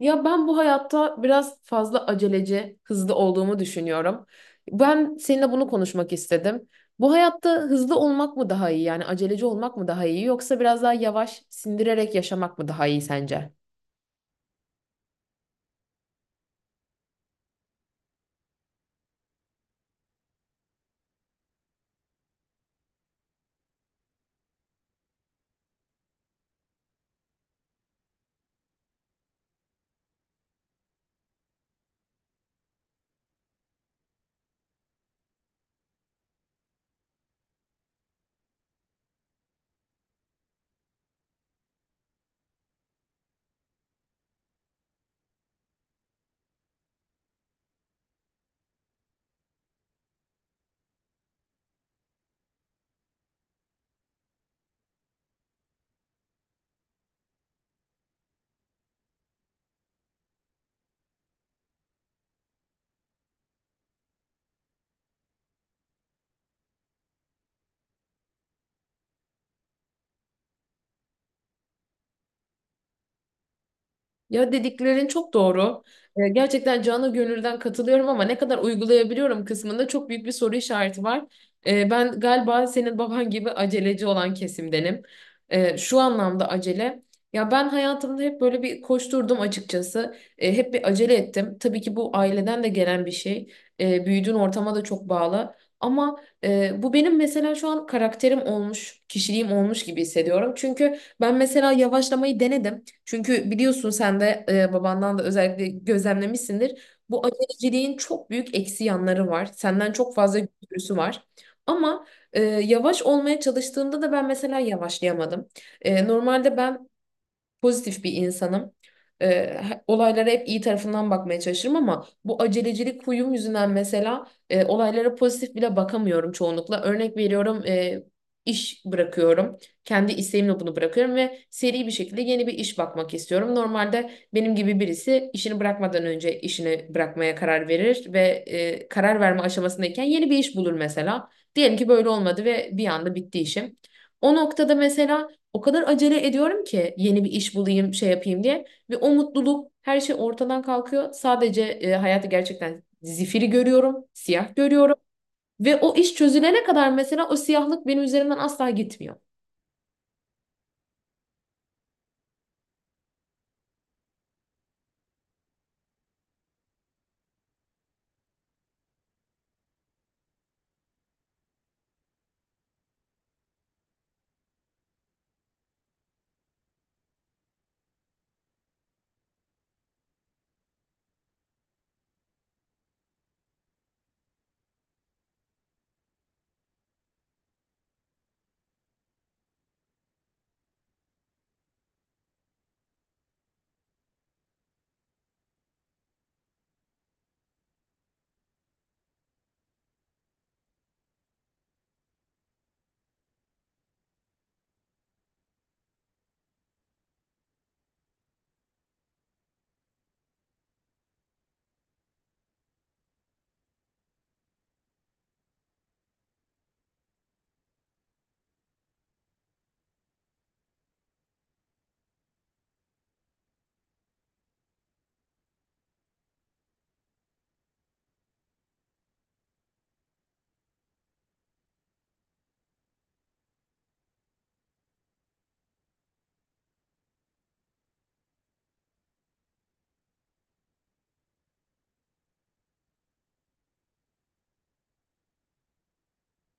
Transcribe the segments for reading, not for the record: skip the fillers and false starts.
Ya ben bu hayatta biraz fazla aceleci, hızlı olduğumu düşünüyorum. Ben seninle bunu konuşmak istedim. Bu hayatta hızlı olmak mı daha iyi, yani aceleci olmak mı daha iyi yoksa biraz daha yavaş sindirerek yaşamak mı daha iyi sence? Ya, dediklerin çok doğru. Gerçekten canı gönülden katılıyorum ama ne kadar uygulayabiliyorum kısmında çok büyük bir soru işareti var. Ben galiba senin baban gibi aceleci olan kesimdenim. Şu anlamda acele. Ya ben hayatımda hep böyle bir koşturdum açıkçası. Hep bir acele ettim. Tabii ki bu aileden de gelen bir şey. Büyüdüğün ortama da çok bağlı. Ama bu benim mesela şu an karakterim olmuş, kişiliğim olmuş gibi hissediyorum. Çünkü ben mesela yavaşlamayı denedim. Çünkü biliyorsun sen de babandan da özellikle gözlemlemişsindir. Bu aceleciliğin çok büyük eksi yanları var. Senden çok fazla götürüsü var. Ama yavaş olmaya çalıştığımda da ben mesela yavaşlayamadım. Normalde ben pozitif bir insanım. Ee, Olaylara hep iyi tarafından bakmaya çalışırım ama bu acelecilik huyum yüzünden mesela olaylara pozitif bile bakamıyorum çoğunlukla. Örnek veriyorum, iş bırakıyorum. Kendi isteğimle bunu bırakıyorum ve seri bir şekilde yeni bir iş bakmak istiyorum. Normalde benim gibi birisi işini bırakmadan önce işini bırakmaya karar verir ve karar verme aşamasındayken yeni bir iş bulur mesela. Diyelim ki böyle olmadı ve bir anda bitti işim. O noktada mesela o kadar acele ediyorum ki yeni bir iş bulayım, şey yapayım diye. Ve o mutluluk, her şey ortadan kalkıyor. Sadece hayatı gerçekten zifiri görüyorum, siyah görüyorum. Ve o iş çözülene kadar mesela o siyahlık benim üzerimden asla gitmiyor.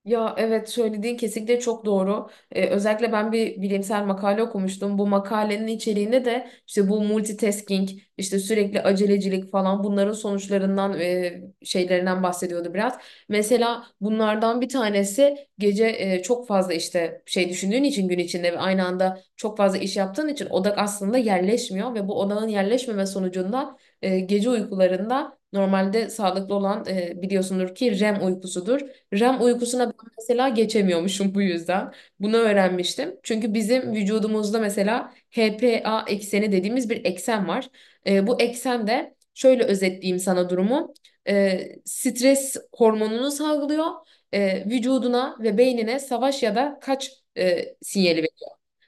Ya evet, söylediğin kesinlikle çok doğru. Özellikle ben bir bilimsel makale okumuştum. Bu makalenin içeriğinde de işte bu multitasking, işte sürekli acelecilik falan, bunların sonuçlarından ve şeylerinden bahsediyordu biraz. Mesela bunlardan bir tanesi, gece çok fazla işte şey düşündüğün için gün içinde ve aynı anda çok fazla iş yaptığın için odak aslında yerleşmiyor ve bu odağın yerleşmeme sonucunda gece uykularında normalde sağlıklı olan, biliyorsundur ki REM uykusudur. REM uykusuna mesela geçemiyormuşum bu yüzden. Bunu öğrenmiştim. Çünkü bizim vücudumuzda mesela HPA ekseni dediğimiz bir eksen var. Bu eksen de, şöyle özetleyeyim sana durumu. Stres hormonunu salgılıyor. Vücuduna ve beynine savaş ya da kaç sinyali.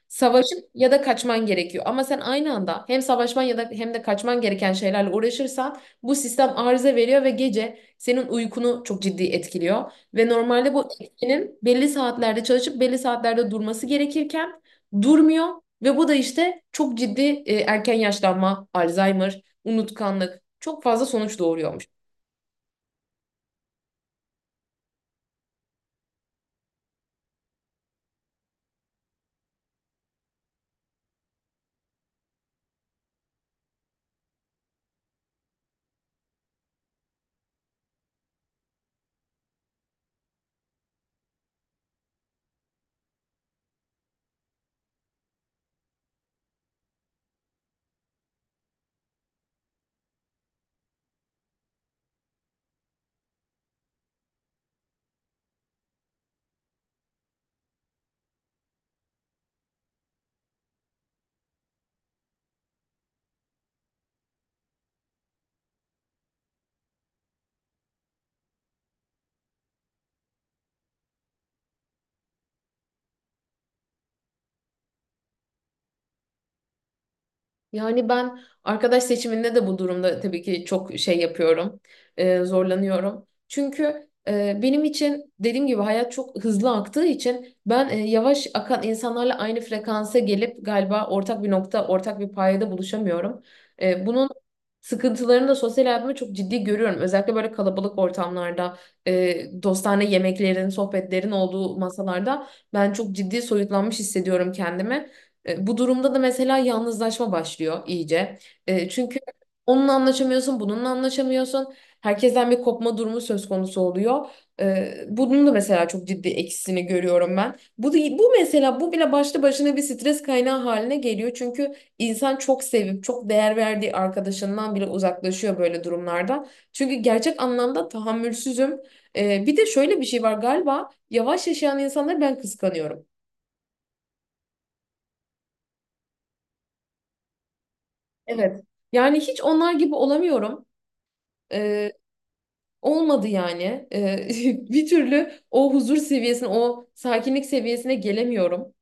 Savaşıp ya da kaçman gerekiyor. Ama sen aynı anda hem savaşman ya da hem de kaçman gereken şeylerle uğraşırsan bu sistem arıza veriyor ve gece senin uykunu çok ciddi etkiliyor. Ve normalde bu etkinin belli saatlerde çalışıp belli saatlerde durması gerekirken durmuyor ve bu da işte çok ciddi erken yaşlanma, Alzheimer, unutkanlık, çok fazla sonuç doğuruyormuş. Yani ben arkadaş seçiminde de bu durumda tabii ki çok şey yapıyorum, zorlanıyorum. Çünkü benim için dediğim gibi hayat çok hızlı aktığı için ben yavaş akan insanlarla aynı frekansa gelip galiba ortak bir nokta, ortak bir payda buluşamıyorum. Bunun sıkıntılarını da sosyal hayatımda çok ciddi görüyorum. Özellikle böyle kalabalık ortamlarda, dostane yemeklerin, sohbetlerin olduğu masalarda ben çok ciddi soyutlanmış hissediyorum kendimi. Bu durumda da mesela yalnızlaşma başlıyor iyice. Çünkü onunla anlaşamıyorsun, bununla anlaşamıyorsun. Herkesten bir kopma durumu söz konusu oluyor. Bunun da mesela çok ciddi eksisini görüyorum ben. Bu mesela, bu bile başlı başına bir stres kaynağı haline geliyor. Çünkü insan çok sevip çok değer verdiği arkadaşından bile uzaklaşıyor böyle durumlarda. Çünkü gerçek anlamda tahammülsüzüm. Bir de şöyle bir şey var, galiba yavaş yaşayan insanları ben kıskanıyorum. Evet. Yani hiç onlar gibi olamıyorum. Ee, Olmadı yani. Bir türlü o huzur seviyesine, o sakinlik seviyesine gelemiyorum.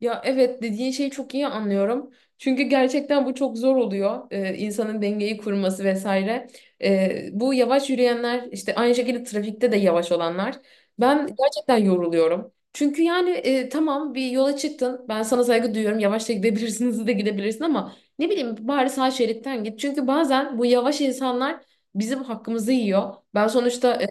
Ya evet, dediğin şeyi çok iyi anlıyorum. Çünkü gerçekten bu çok zor oluyor. İnsanın dengeyi kurması vesaire. Bu yavaş yürüyenler, işte aynı şekilde trafikte de yavaş olanlar. Ben gerçekten yoruluyorum. Çünkü yani tamam, bir yola çıktın. Ben sana saygı duyuyorum. Yavaş da gidebilirsin, hızlı da gidebilirsin ama ne bileyim, bari sağ şeritten git. Çünkü bazen bu yavaş insanlar bizim hakkımızı yiyor. Ben sonuçta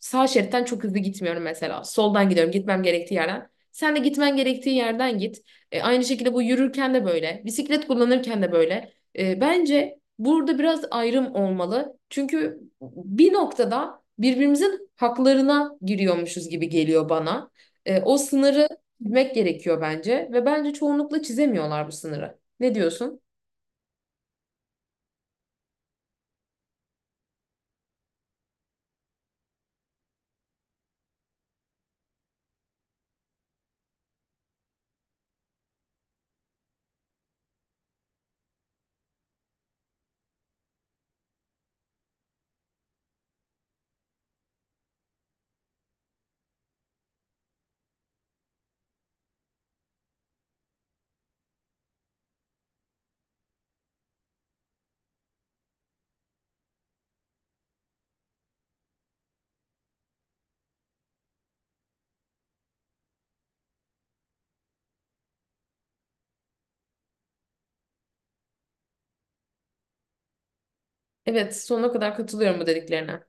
sağ şeritten çok hızlı gitmiyorum mesela. Soldan gidiyorum, gitmem gerektiği yerden. Sen de gitmen gerektiği yerden git. Aynı şekilde bu yürürken de böyle, bisiklet kullanırken de böyle. Bence burada biraz ayrım olmalı. Çünkü bir noktada birbirimizin haklarına giriyormuşuz gibi geliyor bana. O sınırı çizmek gerekiyor bence ve bence çoğunlukla çizemiyorlar bu sınırı. Ne diyorsun? Evet, sonuna kadar katılıyorum bu dediklerine.